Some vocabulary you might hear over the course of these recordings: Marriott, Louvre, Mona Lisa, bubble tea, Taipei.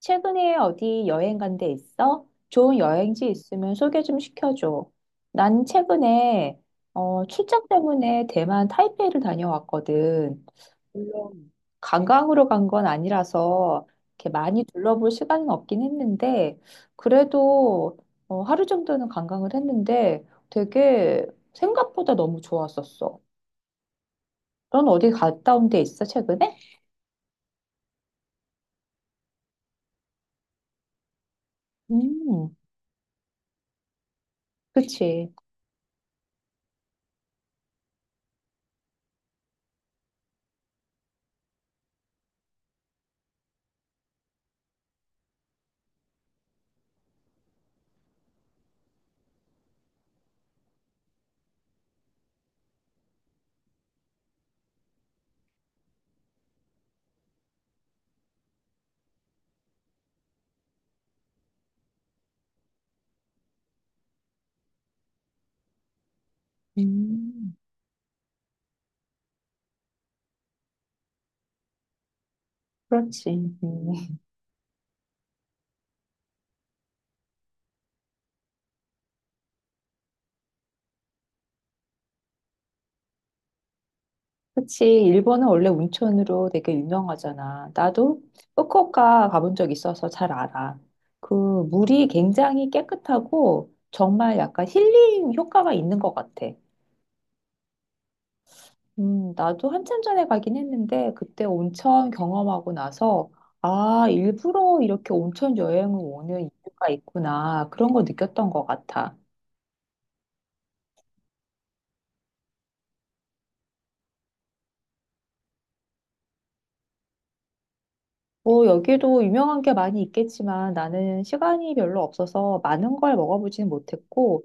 최근에 어디 여행 간 데 있어? 좋은 여행지 있으면 소개 좀 시켜줘. 난 최근에 출장 때문에 대만 타이페이를 다녀왔거든. 물론 관광으로 간 건 아니라서 이렇게 많이 둘러볼 시간은 없긴 했는데 그래도 하루 정도는 관광을 했는데 되게 생각보다 너무 좋았었어. 넌 어디 갔다 온 데 있어, 최근에? 음, 그치. 음, 그렇지. 음. 그치. 일본은 원래 온천으로 되게 유명하잖아. 나도 후쿠오카 가본 적 있어서 잘 알아. 그 물이 굉장히 깨끗하고 정말 약간 힐링 효과가 있는 것 같아. 나도 한참 전에 가긴 했는데 그때 온천 경험하고 나서 아, 일부러 이렇게 온천 여행을 오는 이유가 있구나. 그런 거 느꼈던 것 같아. 뭐, 여기도 유명한 게 많이 있겠지만 나는 시간이 별로 없어서 많은 걸 먹어보지는 못했고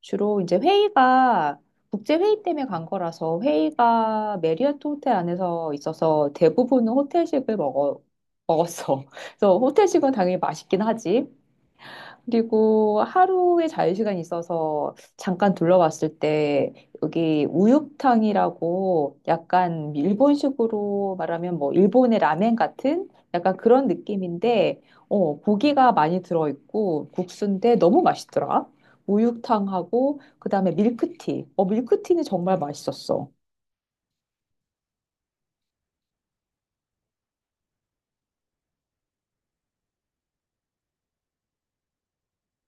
주로 이제 회의가 국제회의 때문에 간 거라서 회의가 메리어트 호텔 안에서 있어서 대부분은 호텔식을 먹었어. 그래서 호텔식은 당연히 맛있긴 하지. 그리고 하루에 자유시간이 있어서 잠깐 둘러봤을 때 여기 우육탕이라고 약간 일본식으로 말하면 뭐 일본의 라멘 같은 약간 그런 느낌인데 고기가 많이 들어있고 국수인데 너무 맛있더라. 우육탕하고 그다음에 밀크티. 밀크티는 정말 맛있었어.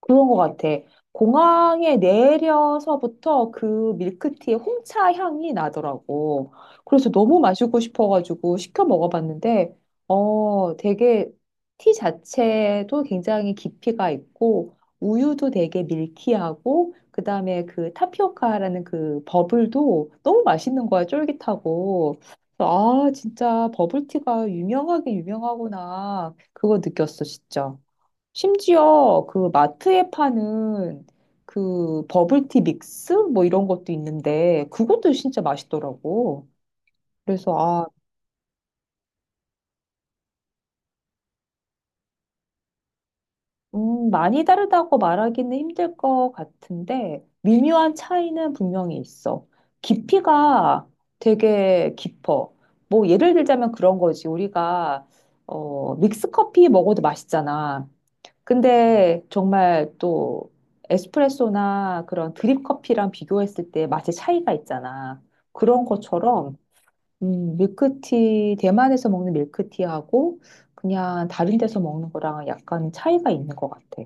그런 것 같아. 공항에 내려서부터 그 밀크티의 홍차 향이 나더라고. 그래서 너무 마시고 싶어가지고 시켜 먹어봤는데, 되게 티 자체도 굉장히 깊이가 있고, 우유도 되게 밀키하고, 그 다음에 그 타피오카라는 그 버블도 너무 맛있는 거야, 쫄깃하고. 그래서 아, 진짜 버블티가 유명하게 유명하구나. 그거 느꼈어, 진짜. 심지어 그 마트에 파는 그 버블티 믹스 뭐 이런 것도 있는데 그것도 진짜 맛있더라고. 그래서 아, 많이 다르다고 말하기는 힘들 것 같은데 미묘한 차이는 분명히 있어. 깊이가 되게 깊어. 뭐 예를 들자면 그런 거지. 우리가 믹스 커피 먹어도 맛있잖아. 근데 정말 또 에스프레소나 그런 드립 커피랑 비교했을 때 맛의 차이가 있잖아. 그런 것처럼 밀크티 대만에서 먹는 밀크티하고 그냥 다른 데서 먹는 거랑 약간 차이가 있는 것 같아.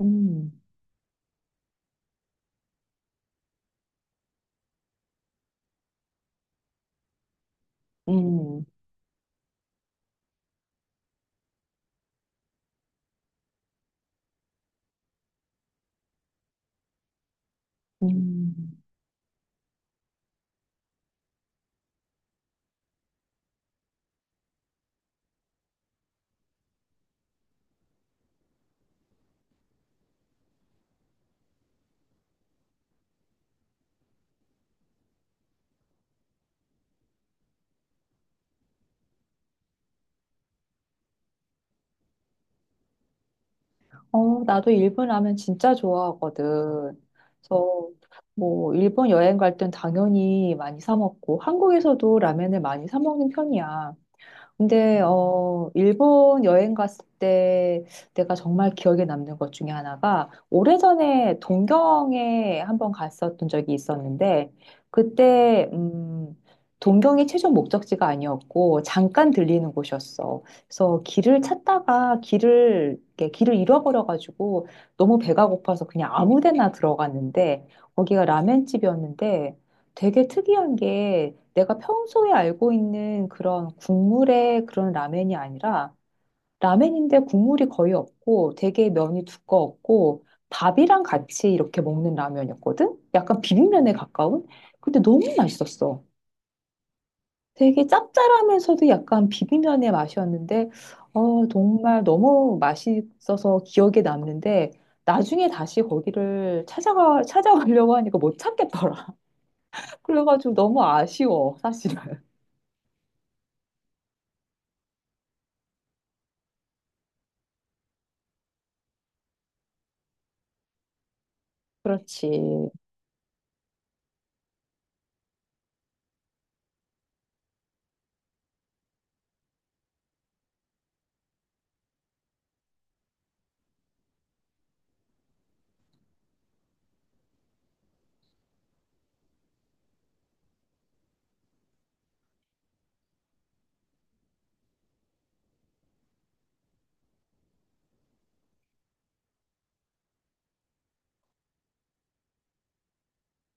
음, 음, 음. 어, 나도 일본 라면 진짜 좋아하거든. 그래서 뭐 일본 여행 갈 땐 당연히 많이 사 먹고 한국에서도 라면을 많이 사 먹는 편이야. 근데 어 일본 여행 갔을 때 내가 정말 기억에 남는 것 중에 하나가 오래전에 동경에 한번 갔었던 적이 있었는데 그때 동경이 최종 목적지가 아니었고 잠깐 들리는 곳이었어. 그래서 길을 찾다가 길을 잃어버려 가지고 너무 배가 고파서 그냥 아무 데나 들어갔는데 거기가 라멘집이었는데 되게 특이한 게 내가 평소에 알고 있는 그런 국물의 그런 라멘이 아니라 라멘인데 국물이 거의 없고 되게 면이 두꺼웠고 밥이랑 같이 이렇게 먹는 라면이었거든? 약간 비빔면에 가까운? 근데 너무 맛있었어. 되게 짭짤하면서도 약간 비빔면의 맛이었는데 정말 너무 맛있어서 기억에 남는데 나중에 다시 거기를 찾아가려고 하니까 못 찾겠더라. 그래가지고 너무 아쉬워, 사실은. 그렇지. 음.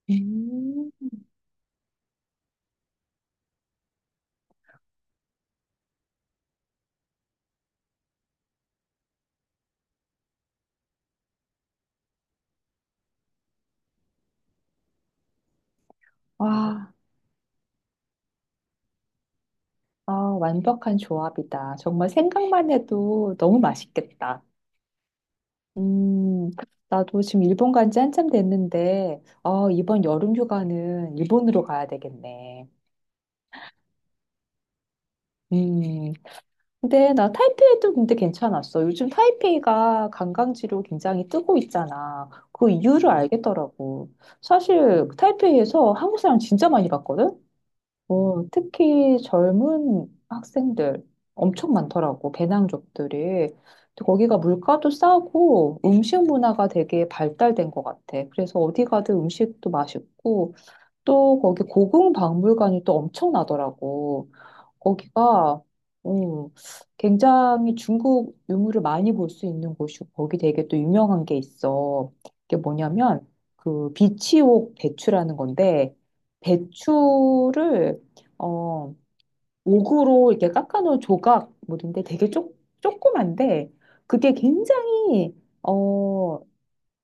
음. 와, 아, 완벽한 조합이다. 정말 생각만 해도 너무 맛있겠다. 음, 나도 지금 일본 간지 한참 됐는데, 이번 여름 휴가는 일본으로 가야 되겠네. 음, 근데 나 타이페이도 근데 괜찮았어. 요즘 타이페이가 관광지로 굉장히 뜨고 있잖아. 그 이유를 알겠더라고. 사실 타이페이에서 한국 사람 진짜 많이 봤거든? 어, 특히 젊은 학생들 엄청 많더라고, 배낭족들이. 근데 거기가 물가도 싸고 음식 문화가 되게 발달된 것 같아. 그래서 어디 가든 음식도 맛있고 또 거기 고궁 박물관이 또 엄청나더라고. 거기가 굉장히 중국 유물을 많이 볼 수 있는 곳이고 거기 되게 또 유명한 게 있어. 그게 뭐냐면 그 비치옥 배추라는 건데 배추를 어 옥으로 이렇게 깎아놓은 조각물인데 되게 조그만데 그게 굉장히 어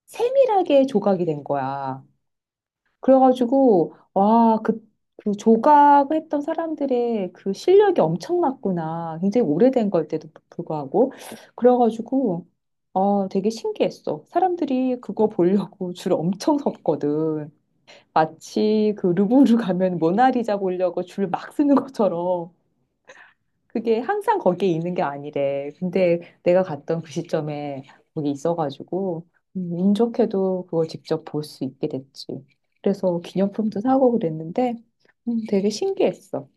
세밀하게 조각이 된 거야. 그래가지고, 와, 그 조각했던 사람들의 그 실력이 엄청났구나. 굉장히 오래된 걸 때도 불구하고. 그래가지고, 어, 되게 신기했어. 사람들이 그거 보려고 줄 엄청 섰거든. 마치 그 루브르 가면 모나리자 보려고 줄 막 쓰는 것처럼. 그게 항상 거기에 있는 게 아니래. 근데 내가 갔던 그 시점에 거기 있어가지고, 운 좋게도 그걸 직접 볼 수 있게 됐지. 그래서 기념품도 사고 그랬는데, 되게 신기했어.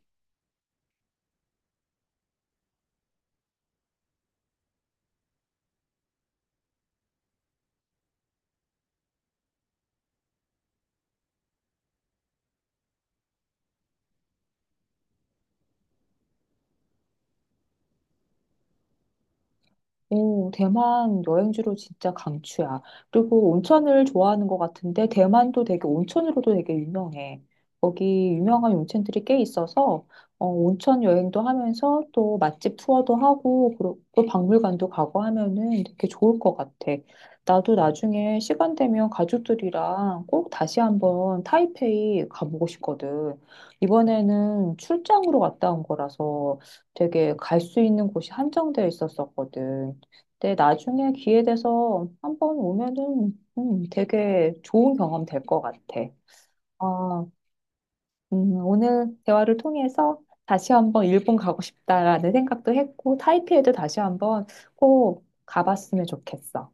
오, 대만 여행지로 진짜 강추야. 그리고 온천을 좋아하는 것 같은데, 대만도 되게 온천으로도 되게 유명해. 거기 유명한 온천들이 꽤 있어서, 온천 여행도 하면서 또 맛집 투어도 하고, 그리고 또 박물관도 가고 하면은 되게 좋을 것 같아. 나도 나중에 시간 되면 가족들이랑 꼭 다시 한번 타이페이 가보고 싶거든. 이번에는 출장으로 갔다 온 거라서 되게 갈 수 있는 곳이 한정되어 있었었거든. 근데 나중에 기회 돼서 한번 오면은 되게 좋은 경험 될 것 같아. 아, 오늘 대화를 통해서 다시 한번 일본 가고 싶다라는 생각도 했고 타이피에도 다시 한번 꼭 가봤으면 좋겠어.